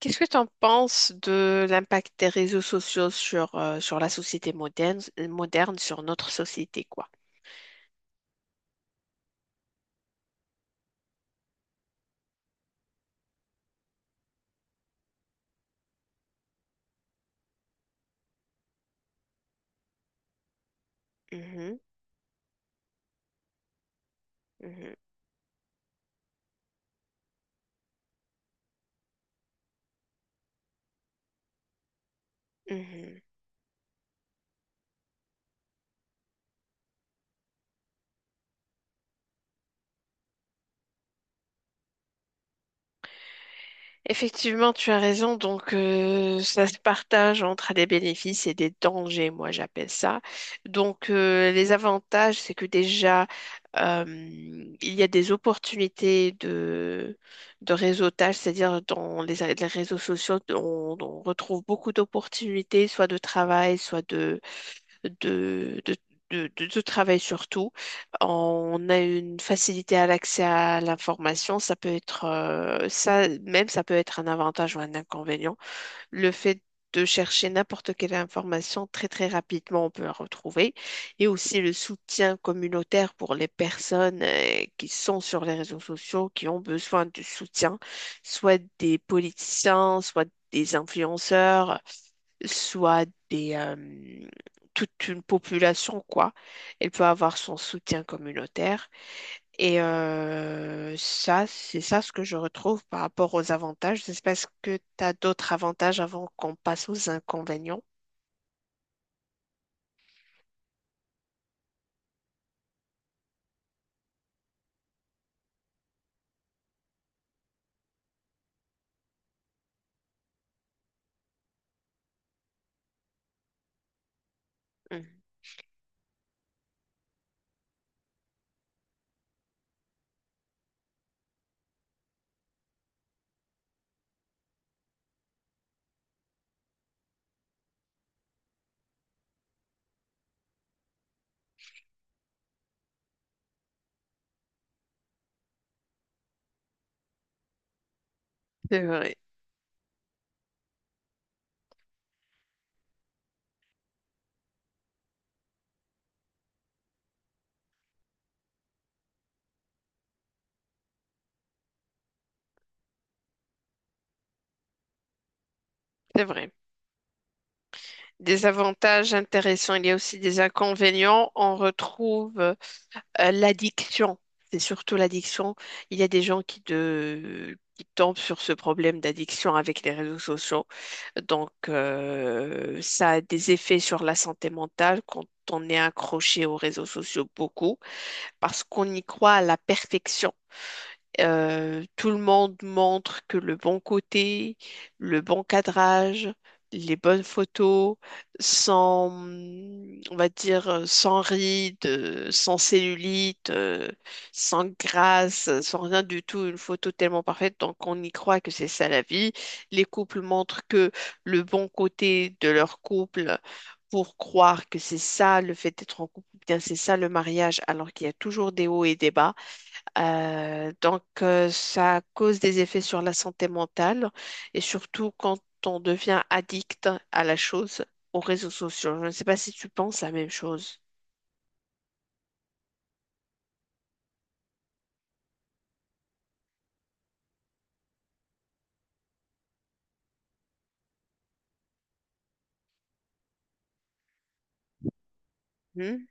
Qu'est-ce que tu en penses de l'impact des réseaux sociaux sur, sur la société moderne, sur notre société, quoi? Mhm, mhm, mhm. Effectivement, tu as raison. Donc, ça se partage entre des bénéfices et des dangers, moi j'appelle ça. Donc, les avantages, c'est que déjà, euh, il y a des opportunités de réseautage, c'est-à-dire dans les réseaux sociaux, on retrouve beaucoup d'opportunités, soit de travail, soit de, de, de travail surtout. On a une facilité à l'accès à l'information. Ça peut être ça peut être un avantage ou un inconvénient. Le fait de chercher n'importe quelle information très très rapidement, on peut la retrouver. Et aussi le soutien communautaire pour les personnes qui sont sur les réseaux sociaux, qui ont besoin de soutien, soit des politiciens, soit des influenceurs, soit des, toute une population, quoi. Elle peut avoir son soutien communautaire. Et ça, c'est ça ce que je retrouve par rapport aux avantages. Je sais pas, est-ce que tu as d'autres avantages avant qu'on passe aux inconvénients? Mhm. C'est vrai, c'est vrai. Des avantages intéressants, il y a aussi des inconvénients. On retrouve l'addiction. C'est surtout l'addiction. Il y a des gens qui tombent sur ce problème d'addiction avec les réseaux sociaux. Donc, ça a des effets sur la santé mentale quand on est accroché aux réseaux sociaux beaucoup parce qu'on y croit à la perfection. Tout le monde montre que le bon côté, le bon cadrage, les bonnes photos, sans, on va dire, sans rides, sans cellulite, sans grâce, sans rien du tout, une photo tellement parfaite, donc on y croit que c'est ça la vie. Les couples montrent que le bon côté de leur couple pour croire que c'est ça, le fait d'être en couple, bien c'est ça le mariage, alors qu'il y a toujours des hauts et des bas. Ça cause des effets sur la santé mentale et surtout quand on devient addict à la chose, aux réseaux sociaux. Je ne sais pas si tu penses la même chose. Hmm.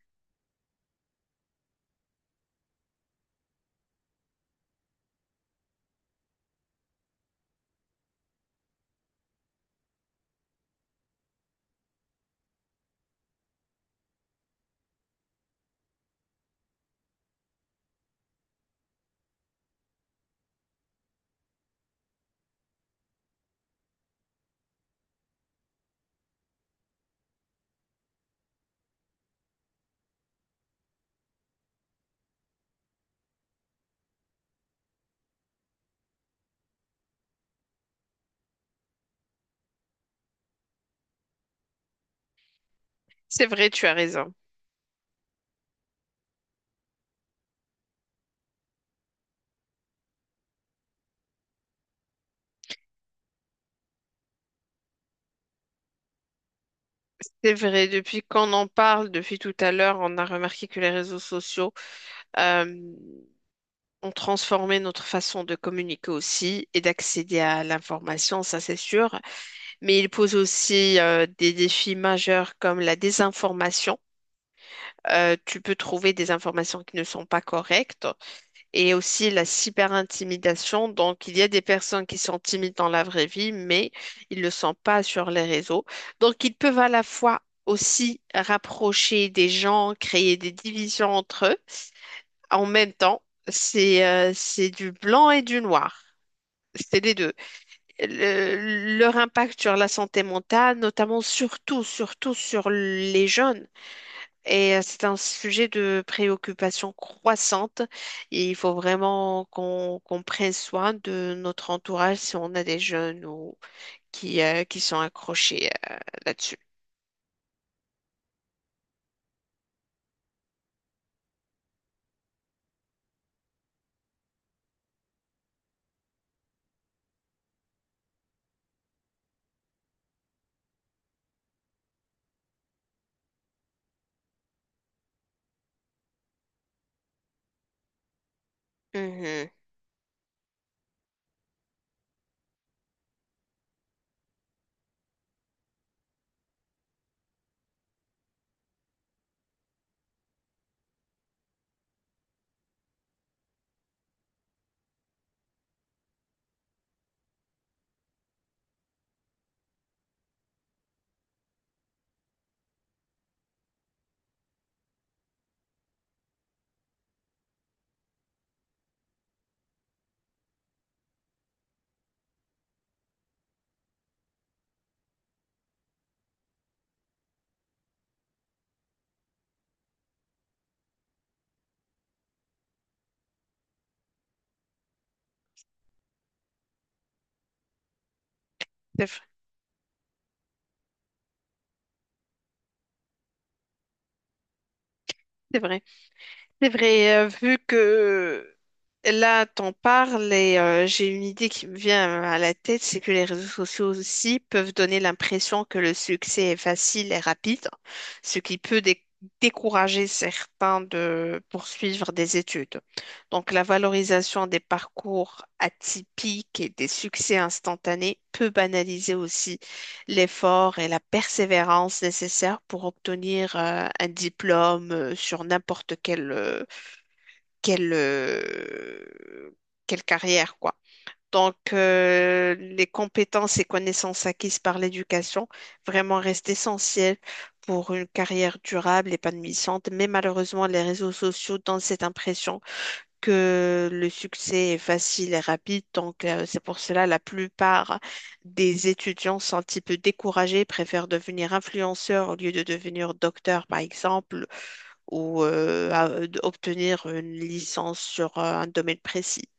C'est vrai, tu as raison. C'est vrai, depuis qu'on en parle, depuis tout à l'heure, on a remarqué que les réseaux sociaux euh, ont transformé notre façon de communiquer aussi et d'accéder à l'information, ça c'est sûr. Mais ils posent aussi des défis majeurs comme la désinformation. Tu peux trouver des informations qui ne sont pas correctes, et aussi la cyberintimidation. Donc, il y a des personnes qui sont timides dans la vraie vie, mais ils ne le sont pas sur les réseaux. Donc, ils peuvent à la fois aussi rapprocher des gens, créer des divisions entre eux. En même temps, c'est du blanc et du noir. C'est les deux. Leur impact sur la santé mentale, notamment surtout, surtout sur les jeunes. Et c'est un sujet de préoccupation croissante. Et il faut vraiment qu'on prenne soin de notre entourage si on a des jeunes ou qui sont accrochés là-dessus. Mhm. C'est vrai. C'est vrai. C'est vrai, vu que là, t'en parles et j'ai une idée qui me vient à la tête, c'est que les réseaux sociaux aussi peuvent donner l'impression que le succès est facile et rapide, ce qui peut décourager certains de poursuivre des études. Donc, la valorisation des parcours atypiques et des succès instantanés peut banaliser aussi l'effort et la persévérance nécessaires pour obtenir un diplôme sur n'importe quelle, euh, quelle carrière, quoi. Donc, les compétences et connaissances acquises par l'éducation vraiment restent essentielles pour une carrière durable, épanouissante. Mais malheureusement, les réseaux sociaux donnent cette impression que le succès est facile et rapide. Donc, c'est pour cela la plupart des étudiants sont un petit peu découragés, préfèrent devenir influenceurs au lieu de devenir docteur, par exemple, ou obtenir une licence sur un domaine précis.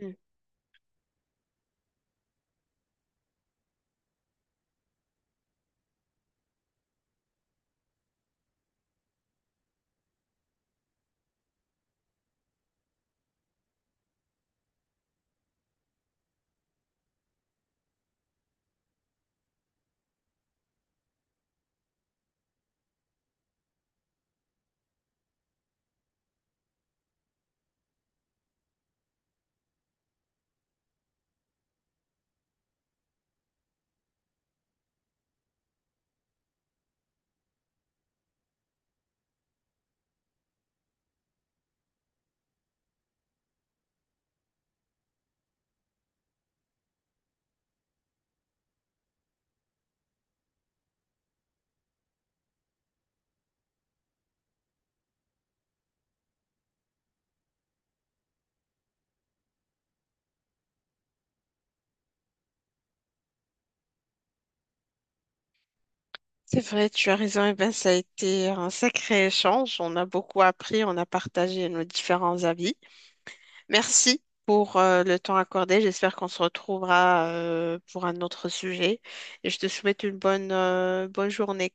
Hmm. C'est vrai, tu as raison. Eh ben, ça a été un sacré échange. On a beaucoup appris, on a partagé nos différents avis. Merci pour le temps accordé. J'espère qu'on se retrouvera pour un autre sujet. Et je te souhaite une bonne, bonne journée.